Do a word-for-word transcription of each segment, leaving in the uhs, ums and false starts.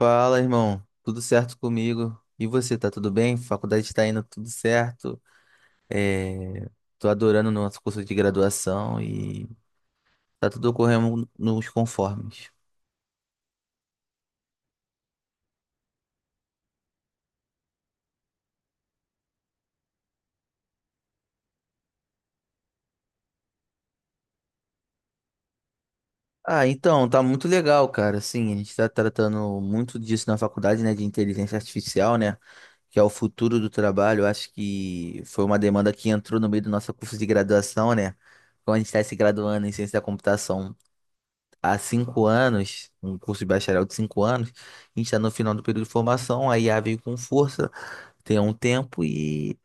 Fala, irmão. Tudo certo comigo? E você, tá tudo bem? Faculdade tá indo tudo certo. É... Tô adorando o nosso curso de graduação e tá tudo ocorrendo nos conformes. Ah, então, tá muito legal, cara. Assim, a gente tá tratando muito disso na faculdade, né, de inteligência artificial, né, que é o futuro do trabalho. Eu acho que foi uma demanda que entrou no meio do nosso curso de graduação, né, quando a gente tá se graduando em ciência da computação há cinco anos, um curso de bacharel de cinco anos, a gente está no final do período de formação, a I A veio com força, tem um tempo e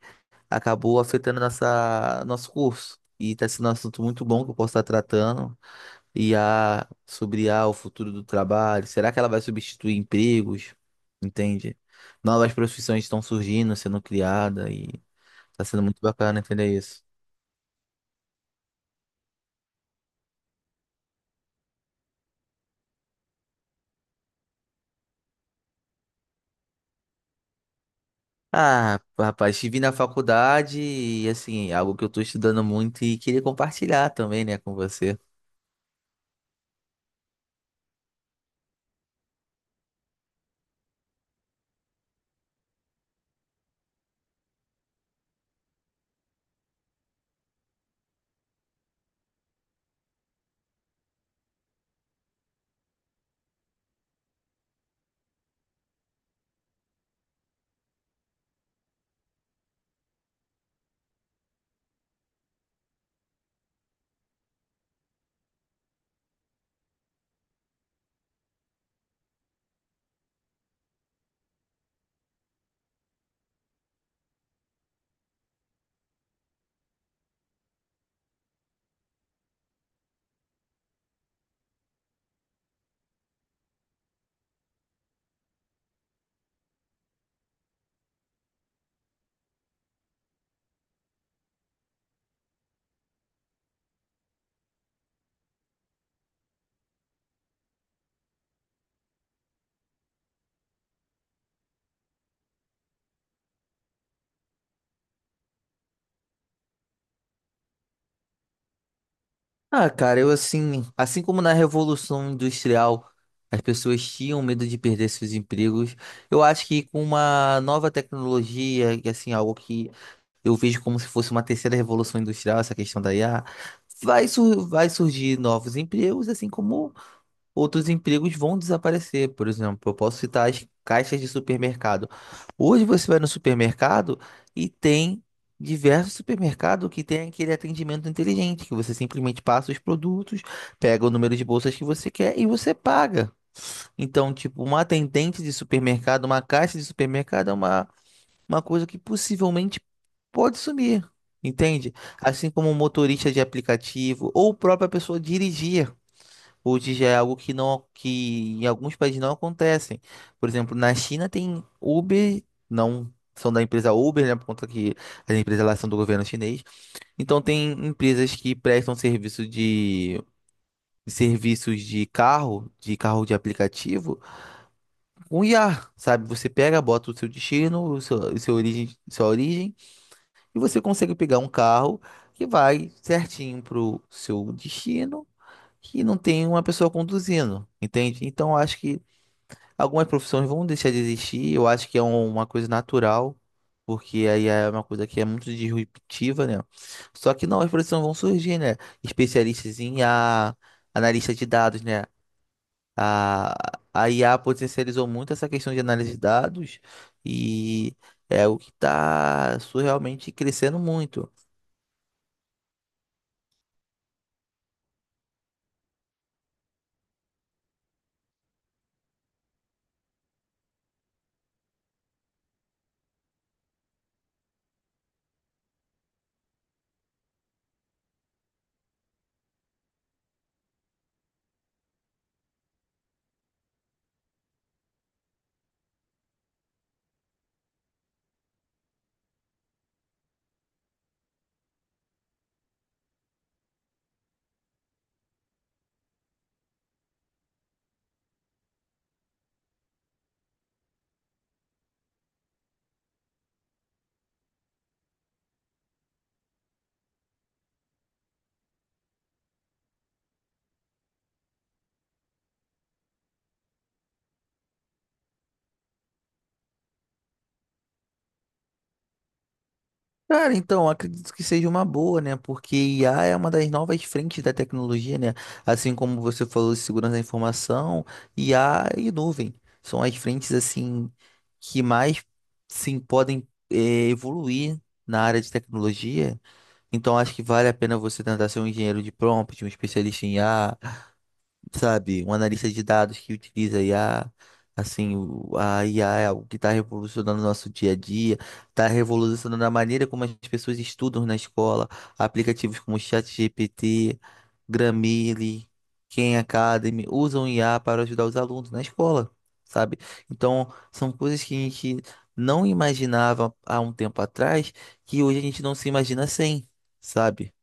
acabou afetando nossa, nosso curso. E está sendo um assunto muito bom que eu posso estar tratando. I A, sobre I a o futuro do trabalho, será que ela vai substituir empregos? Entende? Novas profissões estão surgindo, sendo criadas e está sendo muito bacana entender isso. Ah, rapaz, estive na faculdade e, assim, é algo que eu tô estudando muito e queria compartilhar também, né, com você. Ah, cara, eu, assim, assim como na Revolução Industrial as pessoas tinham medo de perder seus empregos, eu acho que com uma nova tecnologia, e, assim, algo que eu vejo como se fosse uma terceira Revolução Industrial, essa questão da I A, vai, sur- vai surgir novos empregos, assim como outros empregos vão desaparecer. Por exemplo, eu posso citar as caixas de supermercado. Hoje você vai no supermercado e tem diversos supermercados que tem aquele atendimento inteligente, que você simplesmente passa os produtos, pega o número de bolsas que você quer e você paga. Então, tipo, uma atendente de supermercado, uma caixa de supermercado é uma, uma coisa que possivelmente pode sumir. Entende? Assim como um motorista de aplicativo ou própria pessoa dirigir. Hoje já é algo que não, que em alguns países não acontecem. Por exemplo, na China tem Uber, não são da empresa Uber, né, por conta que as empresas lá são do governo chinês. Então tem empresas que prestam serviço de serviços de carro, de carro de aplicativo, com I a sabe? Você pega, bota o seu destino, o seu, o seu origem, sua origem, e você consegue pegar um carro que vai certinho pro seu destino, que não tem uma pessoa conduzindo, entende? Então acho que algumas profissões vão deixar de existir, eu acho que é um- uma coisa natural, porque aí é uma coisa que é muito disruptiva, né? Só que novas profissões vão surgir, né? Especialistas em I a analista de dados, né? A, a I A potencializou muito essa questão de análise de dados e é o que está surrealmente crescendo muito. Cara, então, acredito que seja uma boa, né? Porque I A é uma das novas frentes da tecnologia, né? Assim como você falou de segurança da informação, I A e nuvem são as frentes, assim, que mais, sim, podem, eh, evoluir na área de tecnologia. Então, acho que vale a pena você tentar ser um engenheiro de prompt, um especialista em I A, sabe? Um analista de dados que utiliza I A, assim, o- a I A é algo que está revolucionando o nosso dia a dia, está revolucionando a maneira como as pessoas estudam na escola, aplicativos como o ChatGPT, Grammarly, Khan Academy usam I A para ajudar os alunos na escola, sabe? Então, são coisas que a gente não imaginava há um tempo atrás, que hoje a gente não se imagina sem, sabe?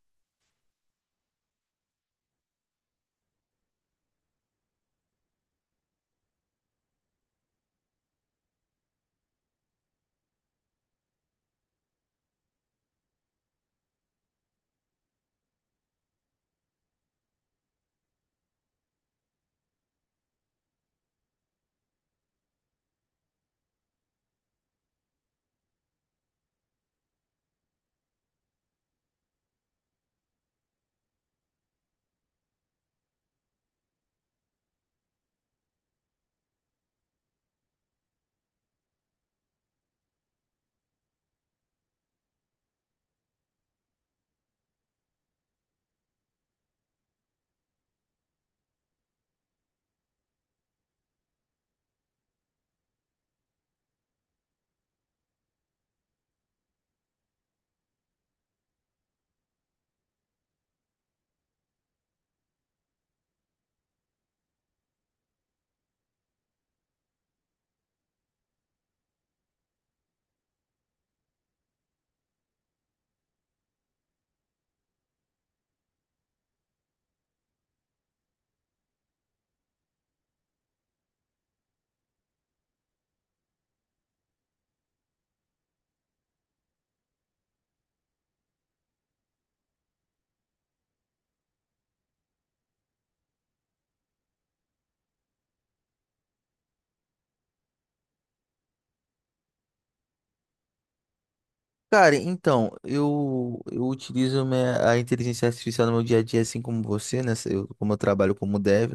Cara, então, eu, eu utilizo minha- a inteligência artificial no meu dia a dia, assim como você, né? Eu, como eu trabalho como dev,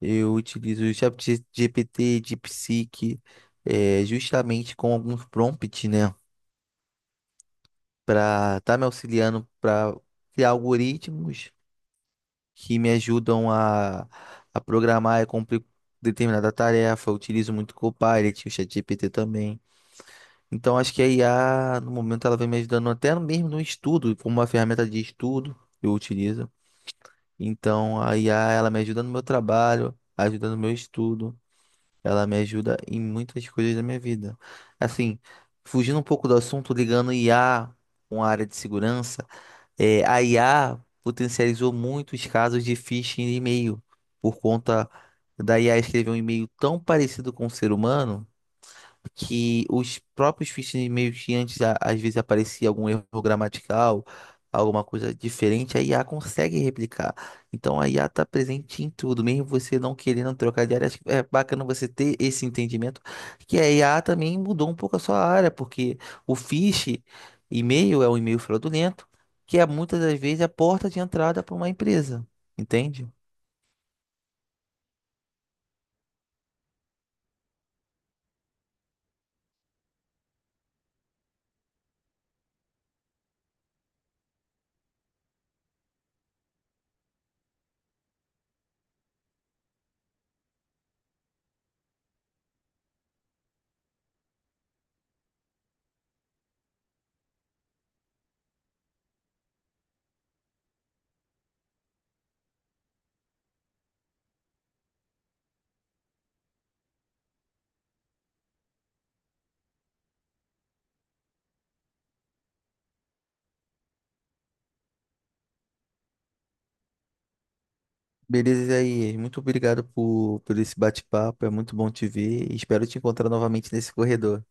eu utilizo o ChatGPT, DeepSeek, eh, justamente com alguns prompts, né? Para estar me auxiliando para criar algoritmos que me ajudam a, a programar e cumprir determinada tarefa. Eu utilizo muito o Copilot, o ChatGPT também. Então acho que a I A, no momento, ela vem me ajudando até no- mesmo no estudo, como uma ferramenta de estudo eu utilizo. Então a I A, ela me ajuda no meu trabalho, ajuda no meu estudo, ela me ajuda em muitas coisas da minha vida. Assim, fugindo um pouco do assunto, ligando I A com a área de segurança, eh, a I A potencializou muitos casos de phishing de e-mail por conta da I A escrever um e-mail tão parecido com o ser humano que os próprios fichas meio que antes, a- às vezes aparecia algum erro gramatical, alguma coisa diferente, a I A consegue replicar. Então a I A está presente em tudo, mesmo você não querendo trocar de área. Acho que é bacana você ter esse entendimento que a I A também mudou um pouco a sua área, porque o phishing e-mail é um e-mail fraudulento, que é muitas das vezes a porta de entrada para uma empresa, entende? Beleza aí, muito obrigado por, por esse bate-papo, é muito bom te ver e espero te encontrar novamente nesse corredor.